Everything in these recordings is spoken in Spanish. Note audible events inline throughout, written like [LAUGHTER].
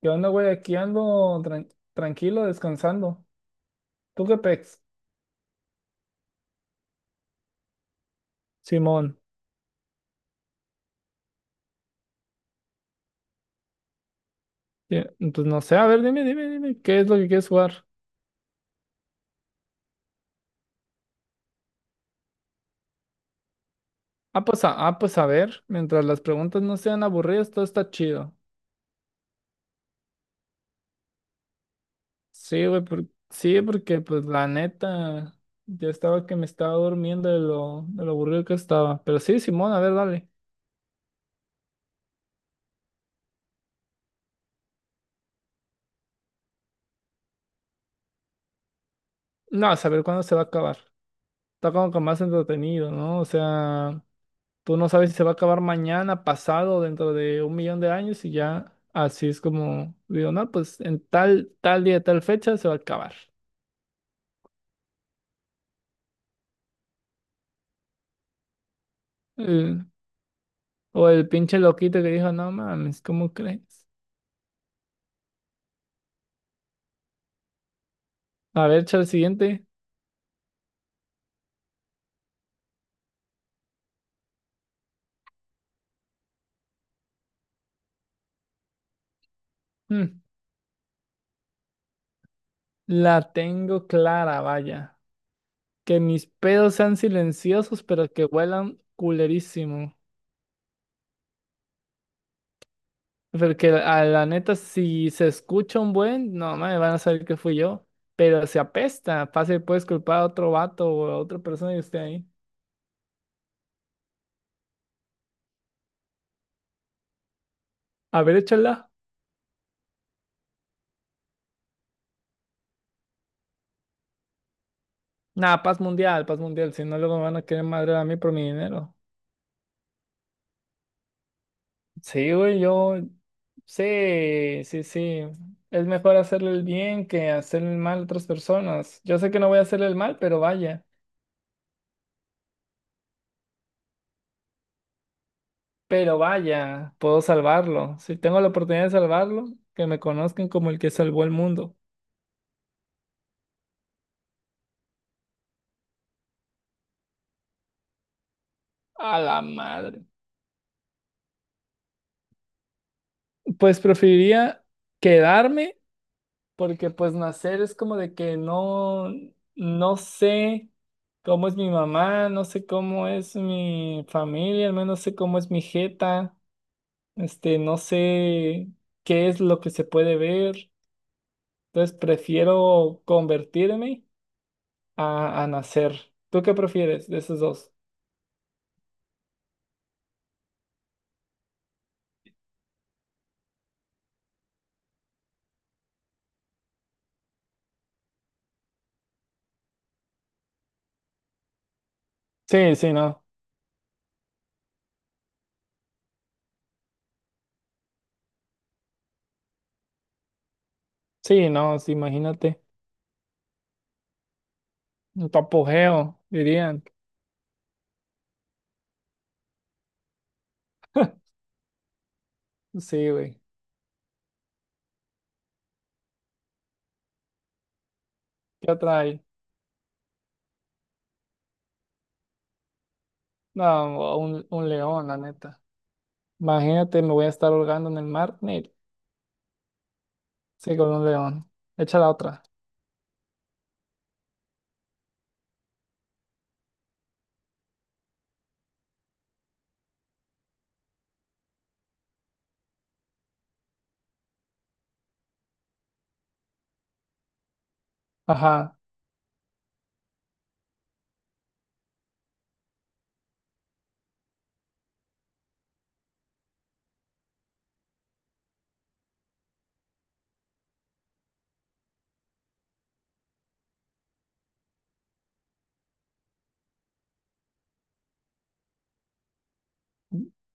¿Qué onda, güey? Aquí ando tranquilo, descansando. ¿Tú qué pex? Simón. Sí. Pues no sé, a ver, dime, dime, dime, ¿qué es lo que quieres jugar? Ah, pues a ver, mientras las preguntas no sean aburridas, todo está chido. Sí, güey, sí, porque pues la neta, ya estaba que me estaba durmiendo de lo aburrido que estaba. Pero sí, Simón, a ver, dale. No, a saber cuándo se va a acabar. Está como que más entretenido, ¿no? O sea, tú no sabes si se va a acabar mañana, pasado, dentro de 1 millón de años, y ya así es como digo, no, pues en tal día, tal fecha se va a acabar. El- o el pinche loquito que dijo, no mames, ¿cómo crees? A ver, echa el siguiente. Mm, la tengo clara, vaya. Que mis pedos sean silenciosos, pero que huelan culerísimo. Porque a la neta, si se escucha un buen, no me van a saber que fui yo. Pero se apesta, fácil puedes culpar a otro vato o a otra persona y esté ahí. A ver, échala. Nada, paz mundial, paz mundial. Si no, luego me van a querer madrear a mí por mi dinero. Sí, güey, yo. Sí, sí, sí. Es mejor hacerle el bien que hacerle el mal a otras personas. Yo sé que no voy a hacerle el mal, pero vaya. Pero vaya, puedo salvarlo. Si tengo la oportunidad de salvarlo, que me conozcan como el que salvó el mundo. A la madre. Pues preferiría quedarme, porque pues nacer es como de que no, no sé cómo es mi mamá, no sé cómo es mi familia, al menos sé cómo es mi jeta, este, no sé qué es lo que se puede ver. Entonces prefiero convertirme a nacer. ¿Tú qué prefieres de esos dos? Sí, sí, no. Sí, no, sí, imagínate. Un apogeo, dirían. Sí, güey. ¿Qué otra hay? No, un león, la neta. Imagínate, me voy a estar holgando en el mar. Ni- Sí, con un león. Echa la otra. Ajá.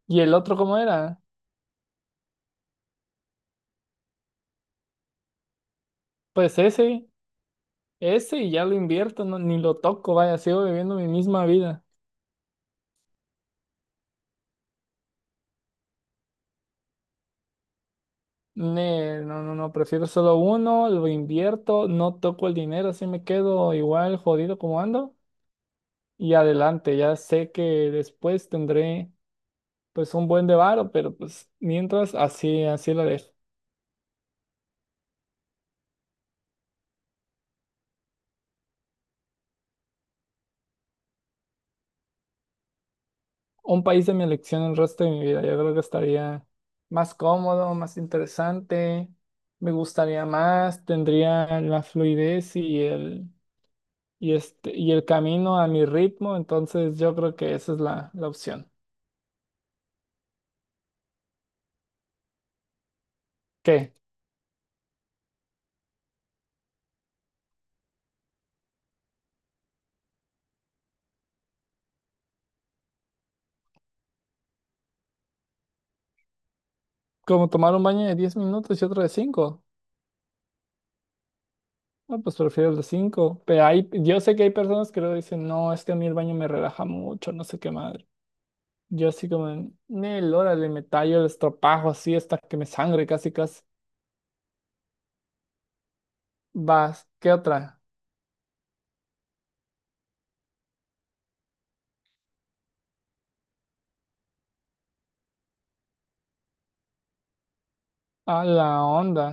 ¿Y el otro cómo era? Pues ese, y ya lo invierto, no, ni lo toco, vaya, sigo viviendo mi misma vida. No, no, no, prefiero solo uno, lo invierto, no toco el dinero, así me quedo igual jodido como ando. Y adelante, ya sé que después tendré pues un buen de varo, pero pues mientras así, así lo dejo. Un país de mi elección el resto de mi vida. Yo creo que estaría más cómodo, más interesante, me gustaría más, tendría la fluidez y el, y este, y el camino a mi ritmo. Entonces yo creo que esa es la opción. ¿Qué? ¿Como tomar un baño de 10 minutos y otro de cinco? No, pues prefiero el de cinco. Pero hay, yo sé que hay personas que luego dicen, no, es que a mí el baño me relaja mucho, no sé qué madre. Yo así como, Nel, órale, me tallo el estropajo así hasta que me sangre casi casi. Vas, ¿qué otra? A la onda.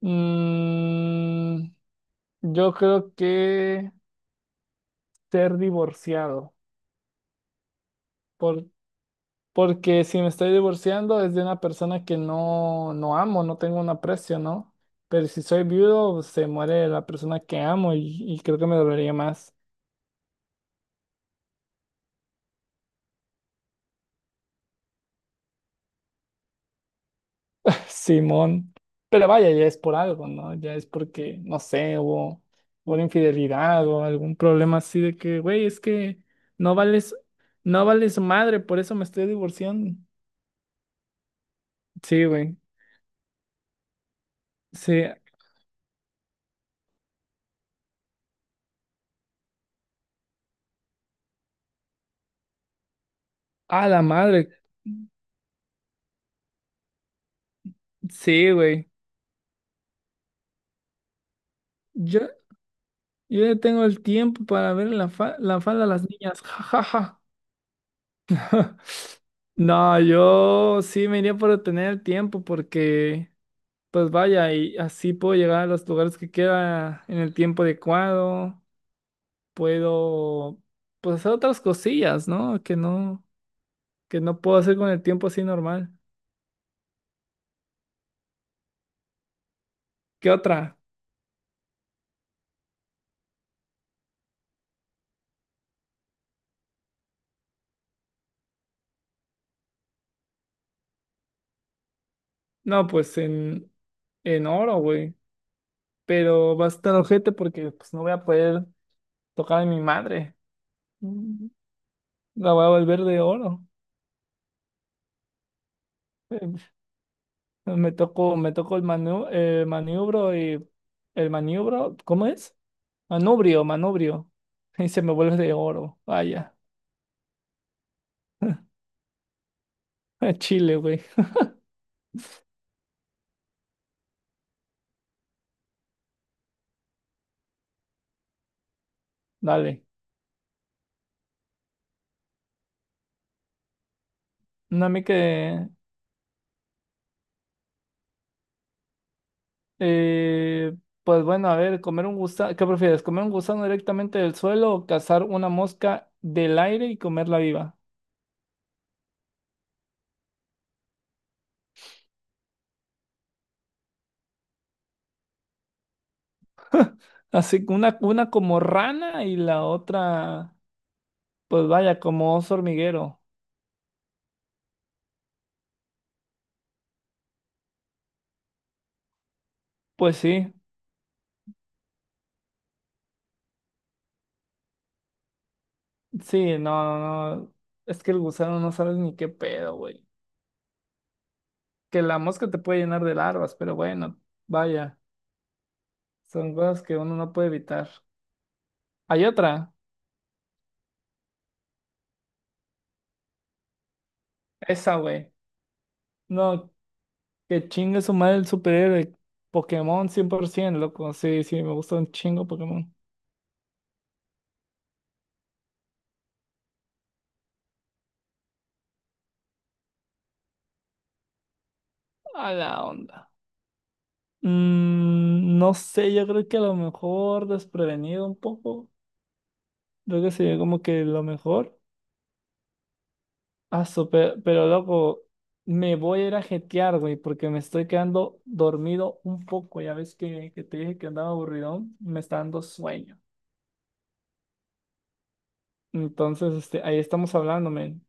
Mm, yo creo que ser divorciado. Por, porque si me estoy divorciando es de una persona que no, no amo, no tengo un aprecio, ¿no? Pero si soy viudo, se muere la persona que amo, y creo que me dolería más. Simón. Pero vaya, ya es por algo, ¿no? Ya es porque, no sé, hubo una infidelidad o algún problema así de que, güey, es que no vales, no vales madre, por eso me estoy divorciando. Sí, güey. Sí. A la madre. Sí, güey. Yo, yo ya tengo el tiempo para ver la falda a las niñas. Ja, ja, ja. [LAUGHS] No, yo sí me iría por tener el tiempo, porque pues vaya, y así puedo llegar a los lugares que quiera en el tiempo adecuado. Puedo, pues, hacer otras cosillas, ¿no? Que no puedo hacer con el tiempo así normal. ¿Qué otra? No, pues en oro, güey. Pero va a estar ojete porque pues no voy a poder tocar a mi madre. Mm, la voy a volver de oro. [LAUGHS] Em, Me toco el maniobro, y el maniobro, ¿cómo es? Manubrio, manubrio. [LAUGHS] Y se me vuelve de oro. Vaya. [LAUGHS] Chile, güey. Dale. No, a mí que. Eh, pues bueno, a ver, comer un gusano. ¿Qué prefieres? ¿Comer un gusano directamente del suelo o cazar una mosca del aire y comerla viva? Así que una como rana y la otra, pues vaya, como oso hormiguero. Pues sí, sí, no, no, no. Es que el gusano no sabes ni qué pedo, güey. Que la mosca te puede llenar de larvas, pero bueno, vaya. Son cosas que uno no puede evitar. Hay otra, esa, güey. No, que chingue su madre el superhéroe. Pokémon 100%, loco. Sí, sí, me gusta un chingo Pokémon. A la onda. Mm, no sé, yo creo que a lo mejor desprevenido un poco. Creo que sería como que lo mejor. Ah, super, pero loco, me voy a ir a jetear, güey, porque me estoy quedando dormido un poco. Ya ves que te dije que andaba aburridón, me está dando sueño. Entonces, este, ahí estamos hablando, men.